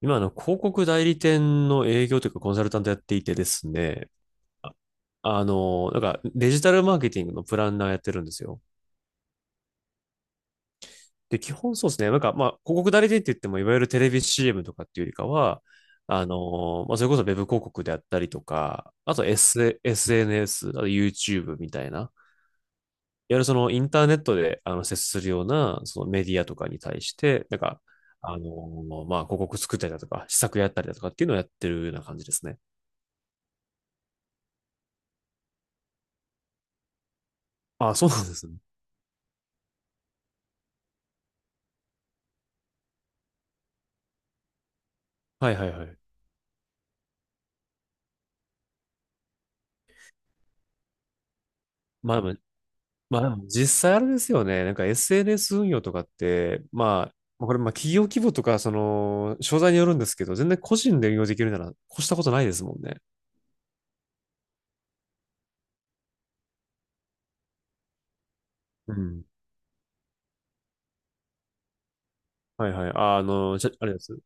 今、広告代理店の営業というかコンサルタントやっていてですね、あなんかデジタルマーケティングのプランナーやってるんですよ。で、基本そうですね、広告代理店って言っても、いわゆるテレビ CM とかっていうよりかは、それこそウェブ広告であったりとか、あとSNS、あと YouTube みたいな、いわゆるそのインターネットで接するようなそのメディアとかに対して、広告作ったりだとか、施策やったりだとかっていうのをやってるような感じですね。あ、そうなんですね。はいはいはい。まあでも、まあでも実際あれですよね。なんか SNS 運用とかって、まあ、これまあ企業規模とか、その、商材によるんですけど、全然個人で運用できるなら、越したことないですもんね。うん。はいはい。あれです。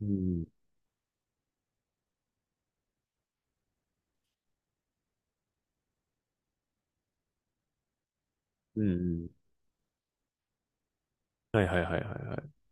うん。うんうん。はいはいはいはいはい。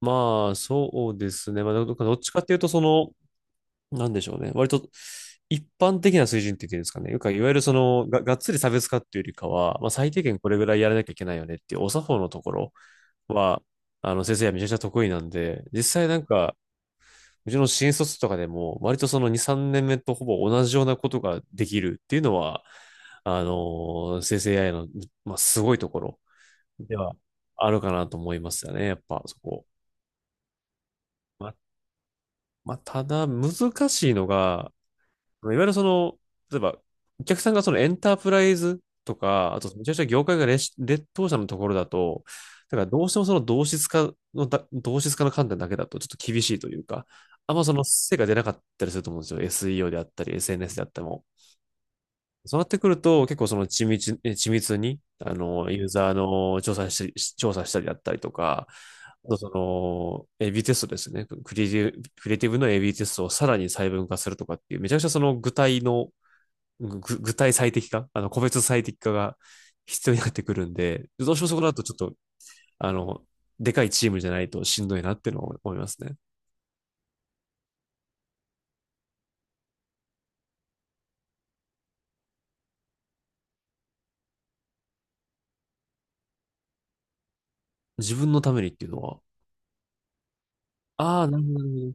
まあ、そうですね。まあ、どっちかっていうと、その、なんでしょうね。割と、一般的な水準っていうんですかね。よくいわゆるその、がっつり差別化っていうよりかは、まあ、最低限これぐらいやらなきゃいけないよねっていう、お作法のところは、先生はめちゃくちゃ得意なんで、実際なんか、うちの新卒とかでも、割とその2、3年目とほぼ同じようなことができるっていうのは、あの、生成 AI の、まあ、すごいところではあるかなと思いますよね、やっぱそこ。ま、ただ難しいのが、いわゆるその、例えば、お客さんがそのエンタープライズとか、あとめちゃくちゃ業界が劣劣等者のところだと、だからどうしてもその同質化の観点だけだとちょっと厳しいというか、あんまその成果出なかったりすると思うんですよ。SEO であったり、SNS であっても。そうなってくると、結構その緻密に、あの、ユーザーの調査したりだったりとか、あとその、AB テストですね。クリエイティブの AB テストをさらに細分化するとかっていう、めちゃくちゃその具体の具体最適化、あの、個別最適化が必要になってくるんで、どうしてもそこだとちょっと、あの、でかいチームじゃないとしんどいなっていうのは思いますね。自分のためにっていうのは。ああ、なるほどね。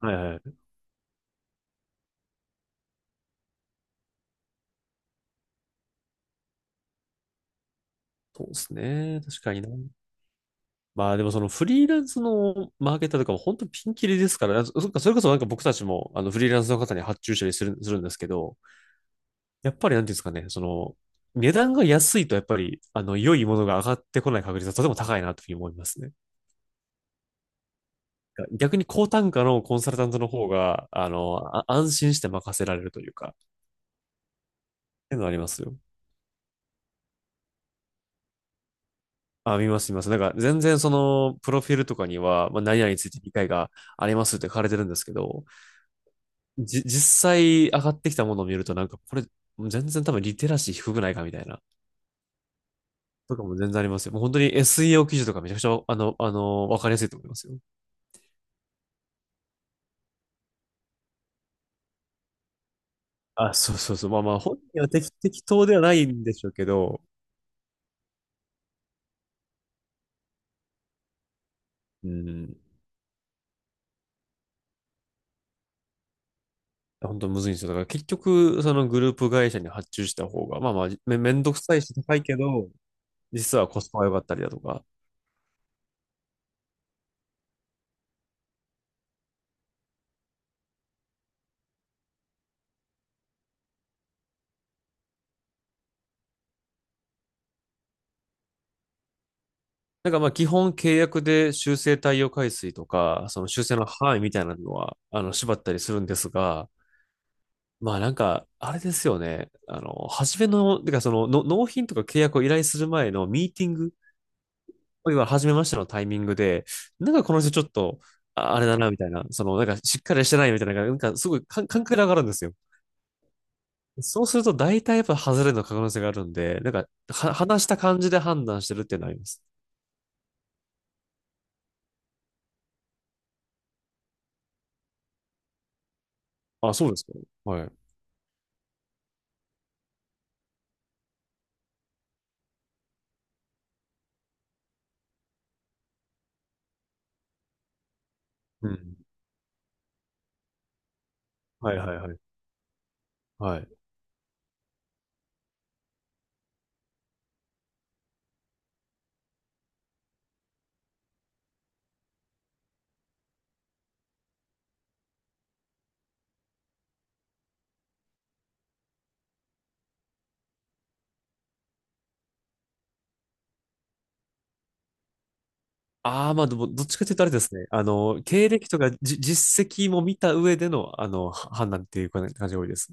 はいはい。そうですね。確かにな。まあでもそのフリーランスのマーケターとかも本当ピンキリですから、そそっかそれこそなんか僕たちもあのフリーランスの方に発注したりするんですけど、やっぱりなんていうんですかね、その値段が安いとやっぱりあの良いものが上がってこない確率はとても高いなというふうに思いますね。逆に高単価のコンサルタントの方が、あの、安心して任せられるというか、っていうのありますよ。あ、見ます、見ます。なんか、全然その、プロフィールとかには、まあ、何々について理解がありますって書かれてるんですけど、実際上がってきたものを見ると、なんか、これ、全然多分リテラシー低くないかみたいな、とかも全然ありますよ。もう本当に SEO 記事とかめちゃくちゃ、あの、わかりやすいと思いますよ。あ、そうそうそう。まあまあ、本人は適当ではないんでしょうけど、うん、本当むずいんですよ。だから結局、そのグループ会社に発注した方が、まあまあ、めんどくさいし高いけど、実はコスパが良かったりだとか。なんかまあ基本契約で修正対応回数とか、その修正の範囲みたいなのは、あの、縛ったりするんですが、まあなんか、あれですよね。あの、初めの、てかそのの、納品とか契約を依頼する前のミーティング、いわゆる初めましてのタイミングで、なんかこの人ちょっと、ああれだな、みたいな、その、なんかしっかりしてないみたいな、なんかすごい感覚が上がるんですよ。そうすると大体やっぱ外れの可能性があるんで、なんか、話した感じで判断してるっていうのはあります。あ、そうですか。はい。うん。はいはいはい。はい。ああ、まあでも、どっちかというとあれですね。あの、経歴とか、実績も見た上での、あの、判断っていう感じが多いです。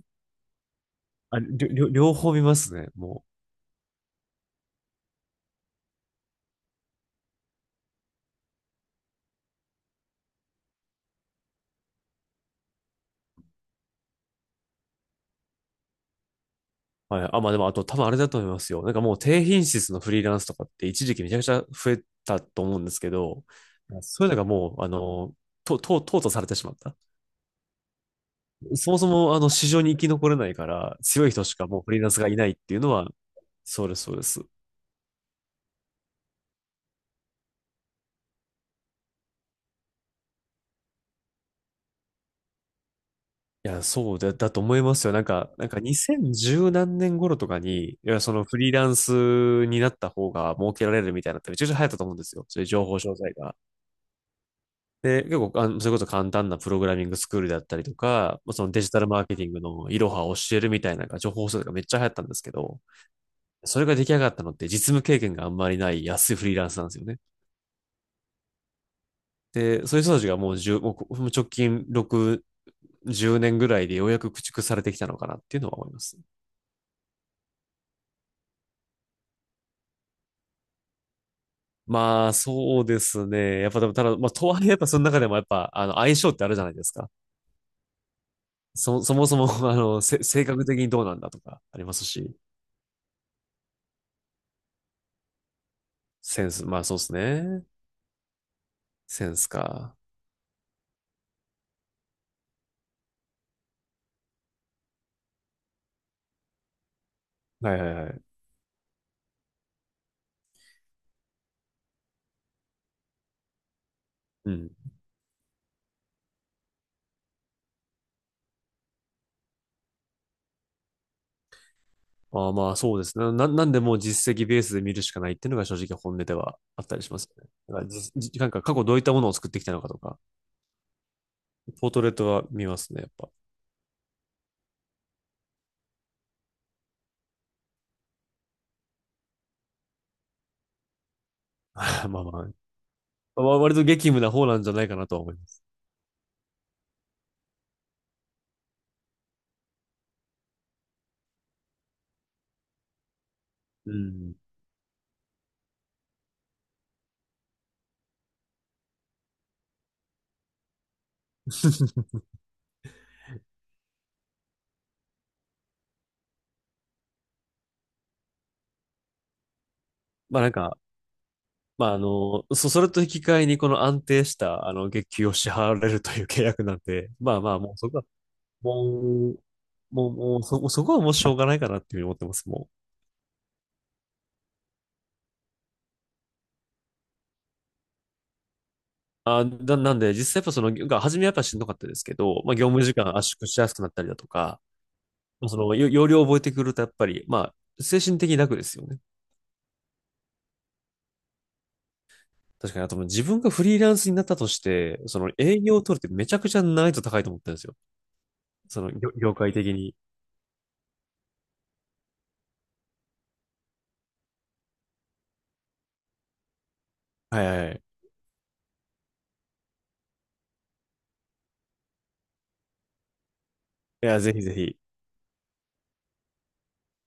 あ、りょ、りょ両方見ますね、もう。はい。あ、まあでも、あと多分あれだと思いますよ。なんかもう低品質のフリーランスとかって一時期めちゃくちゃ増えたと思うんですけど、そういうのがもう、あの、淘汰されてしまった。そもそもあの市場に生き残れないから強い人しかもうフリーランスがいないっていうのは、そうです、そうです。いや、だと思いますよ。なんか2010何年頃とかに、いや、そのフリーランスになった方が儲けられるみたいなのってめちゃくちゃ流行ったと思うんですよ。そういう情報商材が。で、結構、あの、それこそ簡単なプログラミングスクールだったりとか、まあそのデジタルマーケティングのいろはを教えるみたいなのが情報商材がめっちゃ流行ったんですけど、それが出来上がったのって実務経験があんまりない安いフリーランスなんですよね。で、そういう人たちがもう直近6、10年ぐらいでようやく駆逐されてきたのかなっていうのは思います。まあ、そうですね。やっぱ、でもただ、まあ、とはいえ、やっぱその中でもやっぱ、あの、相性ってあるじゃないですか。そもそも、あの、性格的にどうなんだとかありますし、センス、まあそうですね。センスか。はいはいはい。うん。まあまあ、そうですね。なんでもう実績ベースで見るしかないっていうのが正直本音ではあったりしますよね。だからなんか過去どういったものを作ってきたのかとか、ポートレートは見ますね、やっぱ。まあまあまあ、割と激務な方なんじゃないかなとは思います。うん。まあなんか、まああの、それと引き換えにこの安定したあの月給を支払われるという契約なんで、まあまあもうそこは、もう、もう、もうそ、そこはもうしょうがないかなっていうふうに思ってます、もう。なんで実際やっぱその、初めはやっぱしんどかったですけど、まあ業務時間圧縮しやすくなったりだとか、まあその、要領を覚えてくるとやっぱり、まあ精神的に楽ですよね。確かに、あともう自分がフリーランスになったとして、その営業を取るってめちゃくちゃ難易度高いと思ったんですよ。その業界的に。はいはいはい。いや、ぜひぜひ。